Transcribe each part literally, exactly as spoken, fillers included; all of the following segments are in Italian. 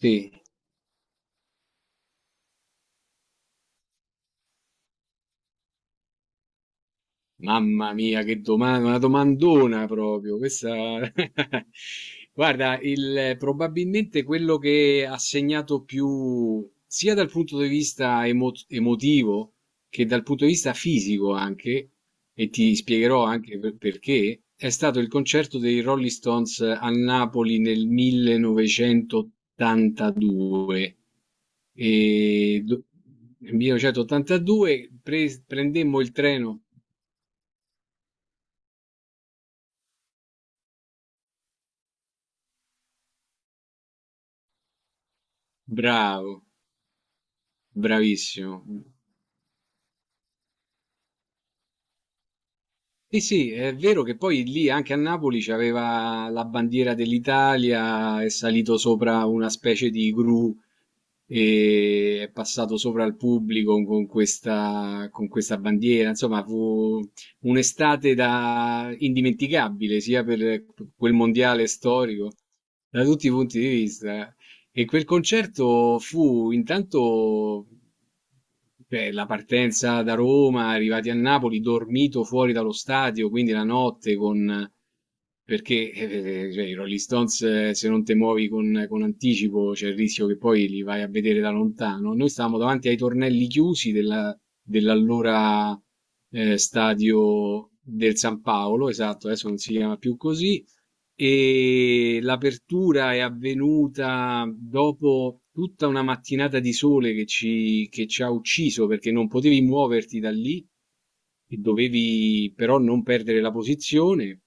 Sì. Mamma mia, che domanda, una domandona proprio. Questa... Guarda, il, probabilmente quello che ha segnato più, sia dal punto di vista emo- emotivo che dal punto di vista fisico anche, e ti spiegherò anche per- perché, è stato il concerto dei Rolling Stones a Napoli nel millenovecentottantadue e do- nel millenovecentottantadue pre- prendemmo il treno. Bravo, bravissimo. Sì, sì, è vero che poi lì anche a Napoli c'aveva la bandiera dell'Italia, è salito sopra una specie di gru e è passato sopra al pubblico con questa, con questa bandiera. Insomma, fu un'estate da indimenticabile, sia per quel mondiale storico, da tutti i punti di vista. E quel concerto fu intanto beh, la partenza da Roma, arrivati a Napoli, dormito fuori dallo stadio, quindi la notte con... perché eh, cioè, i Rolling Stones eh, se non te muovi con, con anticipo c'è il rischio che poi li vai a vedere da lontano. Noi stavamo davanti ai tornelli chiusi della- dell'allora eh, stadio del San Paolo, esatto, adesso non si chiama più così, e l'apertura è avvenuta dopo tutta una mattinata di sole che ci, che ci ha ucciso perché non potevi muoverti da lì e dovevi però non perdere la posizione.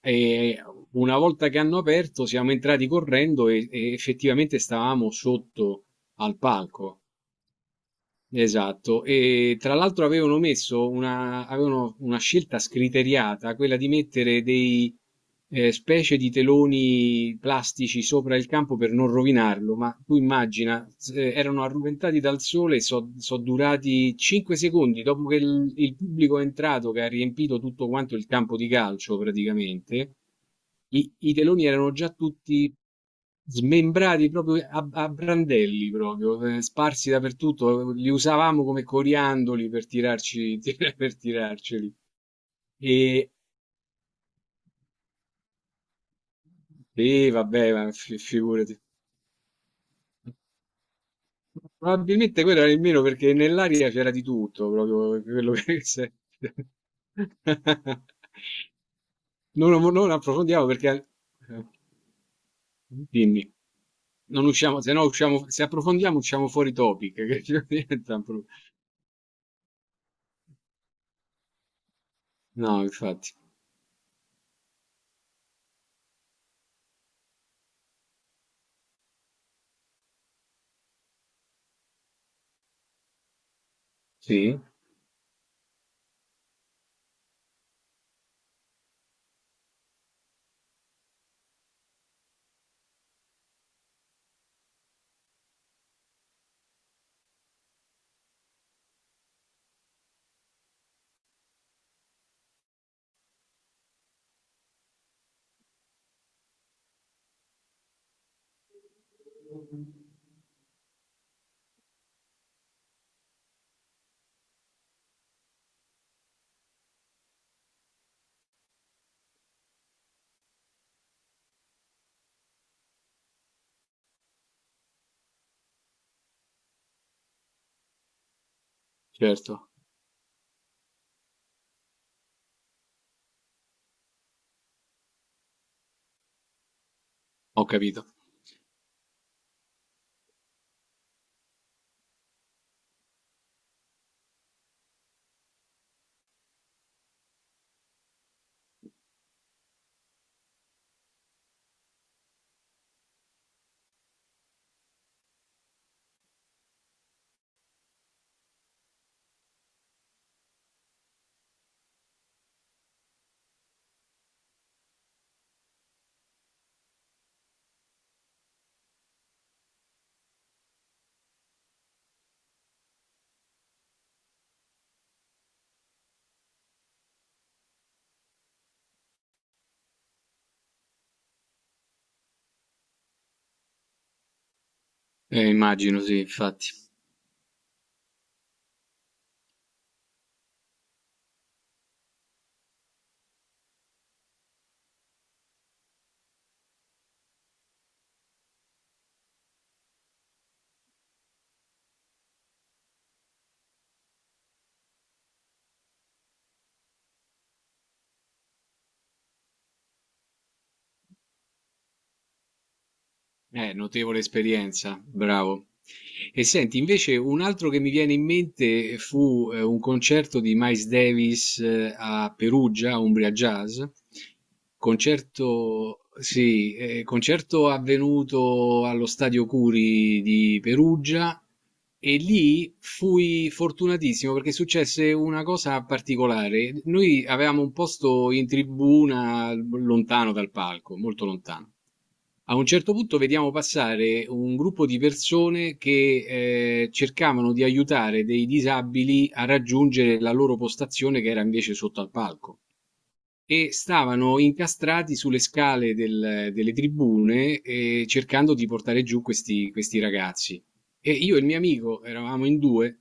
E una volta che hanno aperto siamo entrati correndo e, e effettivamente stavamo sotto al palco. Esatto, e tra l'altro avevano messo una, avevano una scelta scriteriata, quella di mettere dei eh, specie di teloni plastici sopra il campo per non rovinarlo, ma tu immagina, eh, erano arroventati dal sole, sono durati cinque secondi dopo che il, il pubblico è entrato, che ha riempito tutto quanto il campo di calcio praticamente, i, i teloni erano già tutti smembrati proprio a, a brandelli, proprio eh, sparsi dappertutto. Li usavamo come coriandoli per tirarci, per tirarceli. E, e vabbè, ma fi- figurati. Probabilmente quello era il meno perché nell'aria c'era di tutto, proprio quello che sei. Non, non approfondiamo perché... eh, Dimmi. Non usciamo, se no usciamo, se approfondiamo usciamo fuori topic, che ci diventa un pro- No, infatti, sì, certo, ho capito. Eh, immagino, sì, infatti. Eh, notevole esperienza, bravo. E senti, invece un altro che mi viene in mente fu eh, un concerto di Miles Davis eh, a Perugia, a Umbria Jazz. Concerto, sì, eh, concerto avvenuto allo Stadio Curi di Perugia e lì fui fortunatissimo perché successe una cosa particolare. Noi avevamo un posto in tribuna lontano dal palco, molto lontano. A un certo punto vediamo passare un gruppo di persone che eh, cercavano di aiutare dei disabili a raggiungere la loro postazione che era invece sotto al palco. E stavano incastrati sulle scale del delle tribune, ehm, cercando di portare giù questi questi ragazzi. E io e il mio amico, eravamo in due,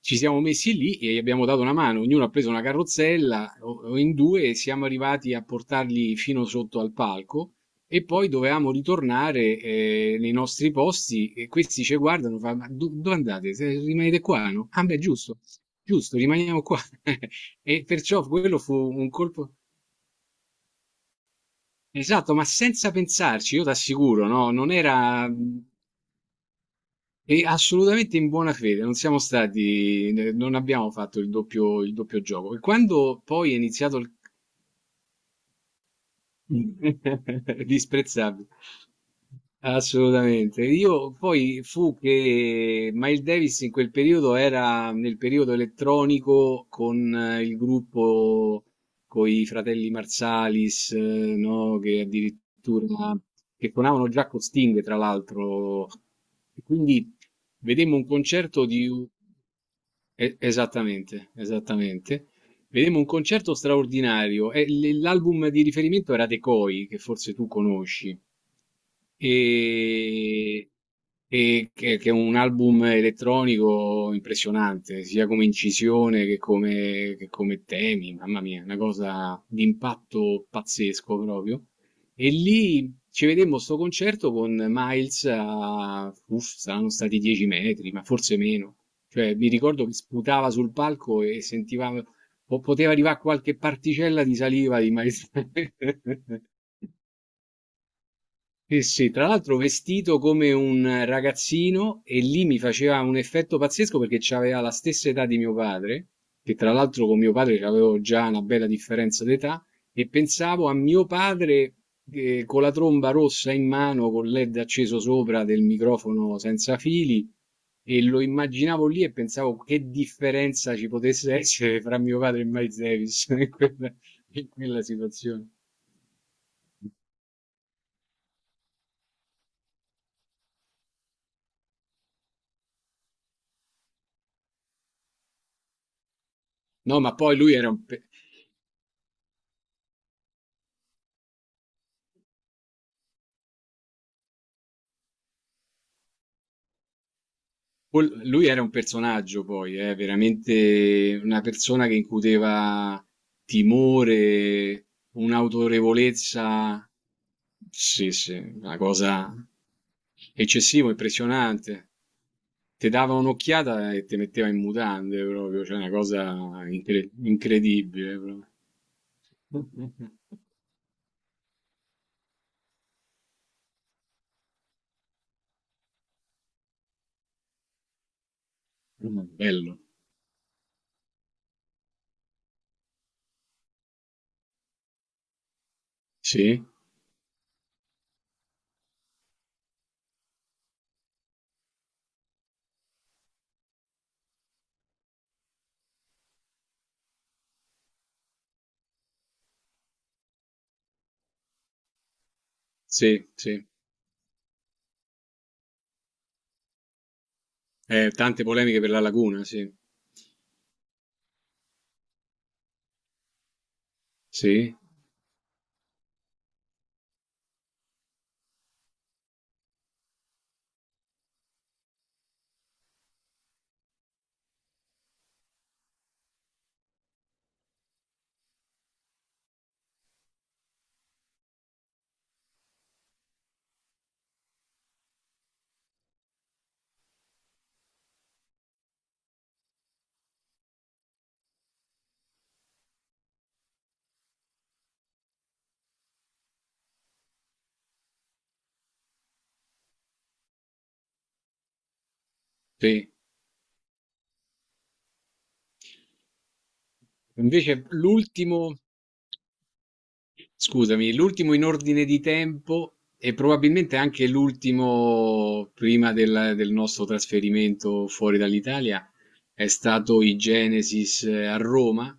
ci siamo messi lì e gli abbiamo dato una mano, ognuno ha preso una carrozzella o o in due e siamo arrivati a portarli fino sotto al palco e poi dovevamo ritornare, ehm, nei nostri posti e questi ce guardano, fa: "Ma do dove andate? Se rimanete qua, no?" "Ah beh, giusto, giusto, rimaniamo qua." E perciò quello fu un colpo. Esatto, ma senza pensarci, io t'assicuro, no, non era e assolutamente in buona fede, non siamo stati, eh, non abbiamo fatto il doppio, il doppio gioco. E quando poi è iniziato il disprezzabile, assolutamente. Io poi fu che Miles Davis in quel periodo era nel periodo elettronico con eh, il gruppo con i fratelli Marsalis, eh, no? Che addirittura che suonavano già con Sting, tra l'altro. E quindi vedemmo un concerto di un- eh, esattamente, esattamente. Vedemmo un concerto straordinario. E l- l'album di riferimento era Decoy, che forse tu conosci e, e che, che è un album elettronico impressionante, sia come incisione che come, che come temi, mamma mia, una cosa di impatto pazzesco proprio. E lì ci vedemmo sto concerto con Miles a, uff, saranno stati dieci metri, ma forse meno. Cioè, mi ricordo che sputava sul palco e sentiva, o poteva arrivare qualche particella di saliva di Miles. Sì, sì, tra l'altro vestito come un ragazzino e lì mi faceva un effetto pazzesco perché aveva la stessa età di mio padre, che tra l'altro con mio padre avevo già una bella differenza d'età, e pensavo a mio padre eh, con la tromba rossa in mano, con L E D acceso sopra del microfono senza fili, e lo immaginavo lì e pensavo che differenza ci potesse essere fra mio padre e Miles Davis in quella, in quella situazione. No, ma poi lui era un... pe- Pol- lui era un personaggio poi, eh, veramente una persona che incuteva timore, un'autorevolezza, sì, sì, una cosa eccessiva, impressionante. Ti dava un'occhiata e ti metteva in mutande proprio, cioè una cosa incre- incredibile proprio. Mm, bello, sì, sì, sì. Eh, tante polemiche per la laguna, sì, sì, sì. Invece l'ultimo scusami, l'ultimo in ordine di tempo e probabilmente anche l'ultimo prima del, del nostro trasferimento fuori dall'Italia è stato i Genesis eh, a Roma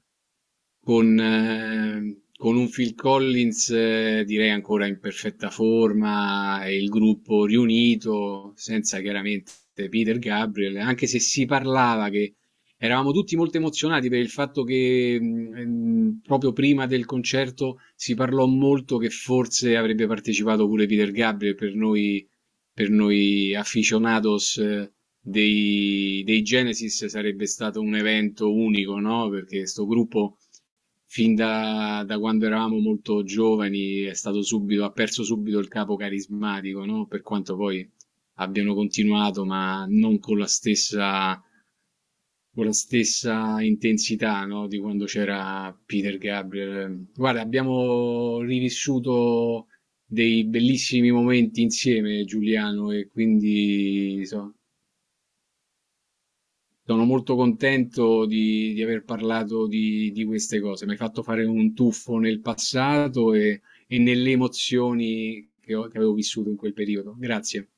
con ehm, con un Phil Collins, ehm, direi ancora in perfetta forma e il gruppo riunito, senza chiaramente Peter Gabriel, anche se si parlava che eravamo tutti molto emozionati per il fatto che mh, ehm, proprio prima del concerto si parlò molto che forse avrebbe partecipato pure Peter Gabriel per noi, per noi aficionados. eh, Dei, dei Genesis sarebbe stato un evento unico, no? Perché sto gruppo, fin da, da quando eravamo molto giovani è stato subito, ha perso subito il capo carismatico, no? Per quanto poi abbiano continuato, ma non con la stessa, con la stessa intensità, no? Di quando c'era Peter Gabriel. Guarda, abbiamo rivissuto dei bellissimi momenti insieme, Giuliano, e quindi so, sono molto contento di, di aver parlato di, di queste cose. Mi hai fatto fare un tuffo nel passato e, e nelle emozioni che, ho- che avevo vissuto in quel periodo. Grazie.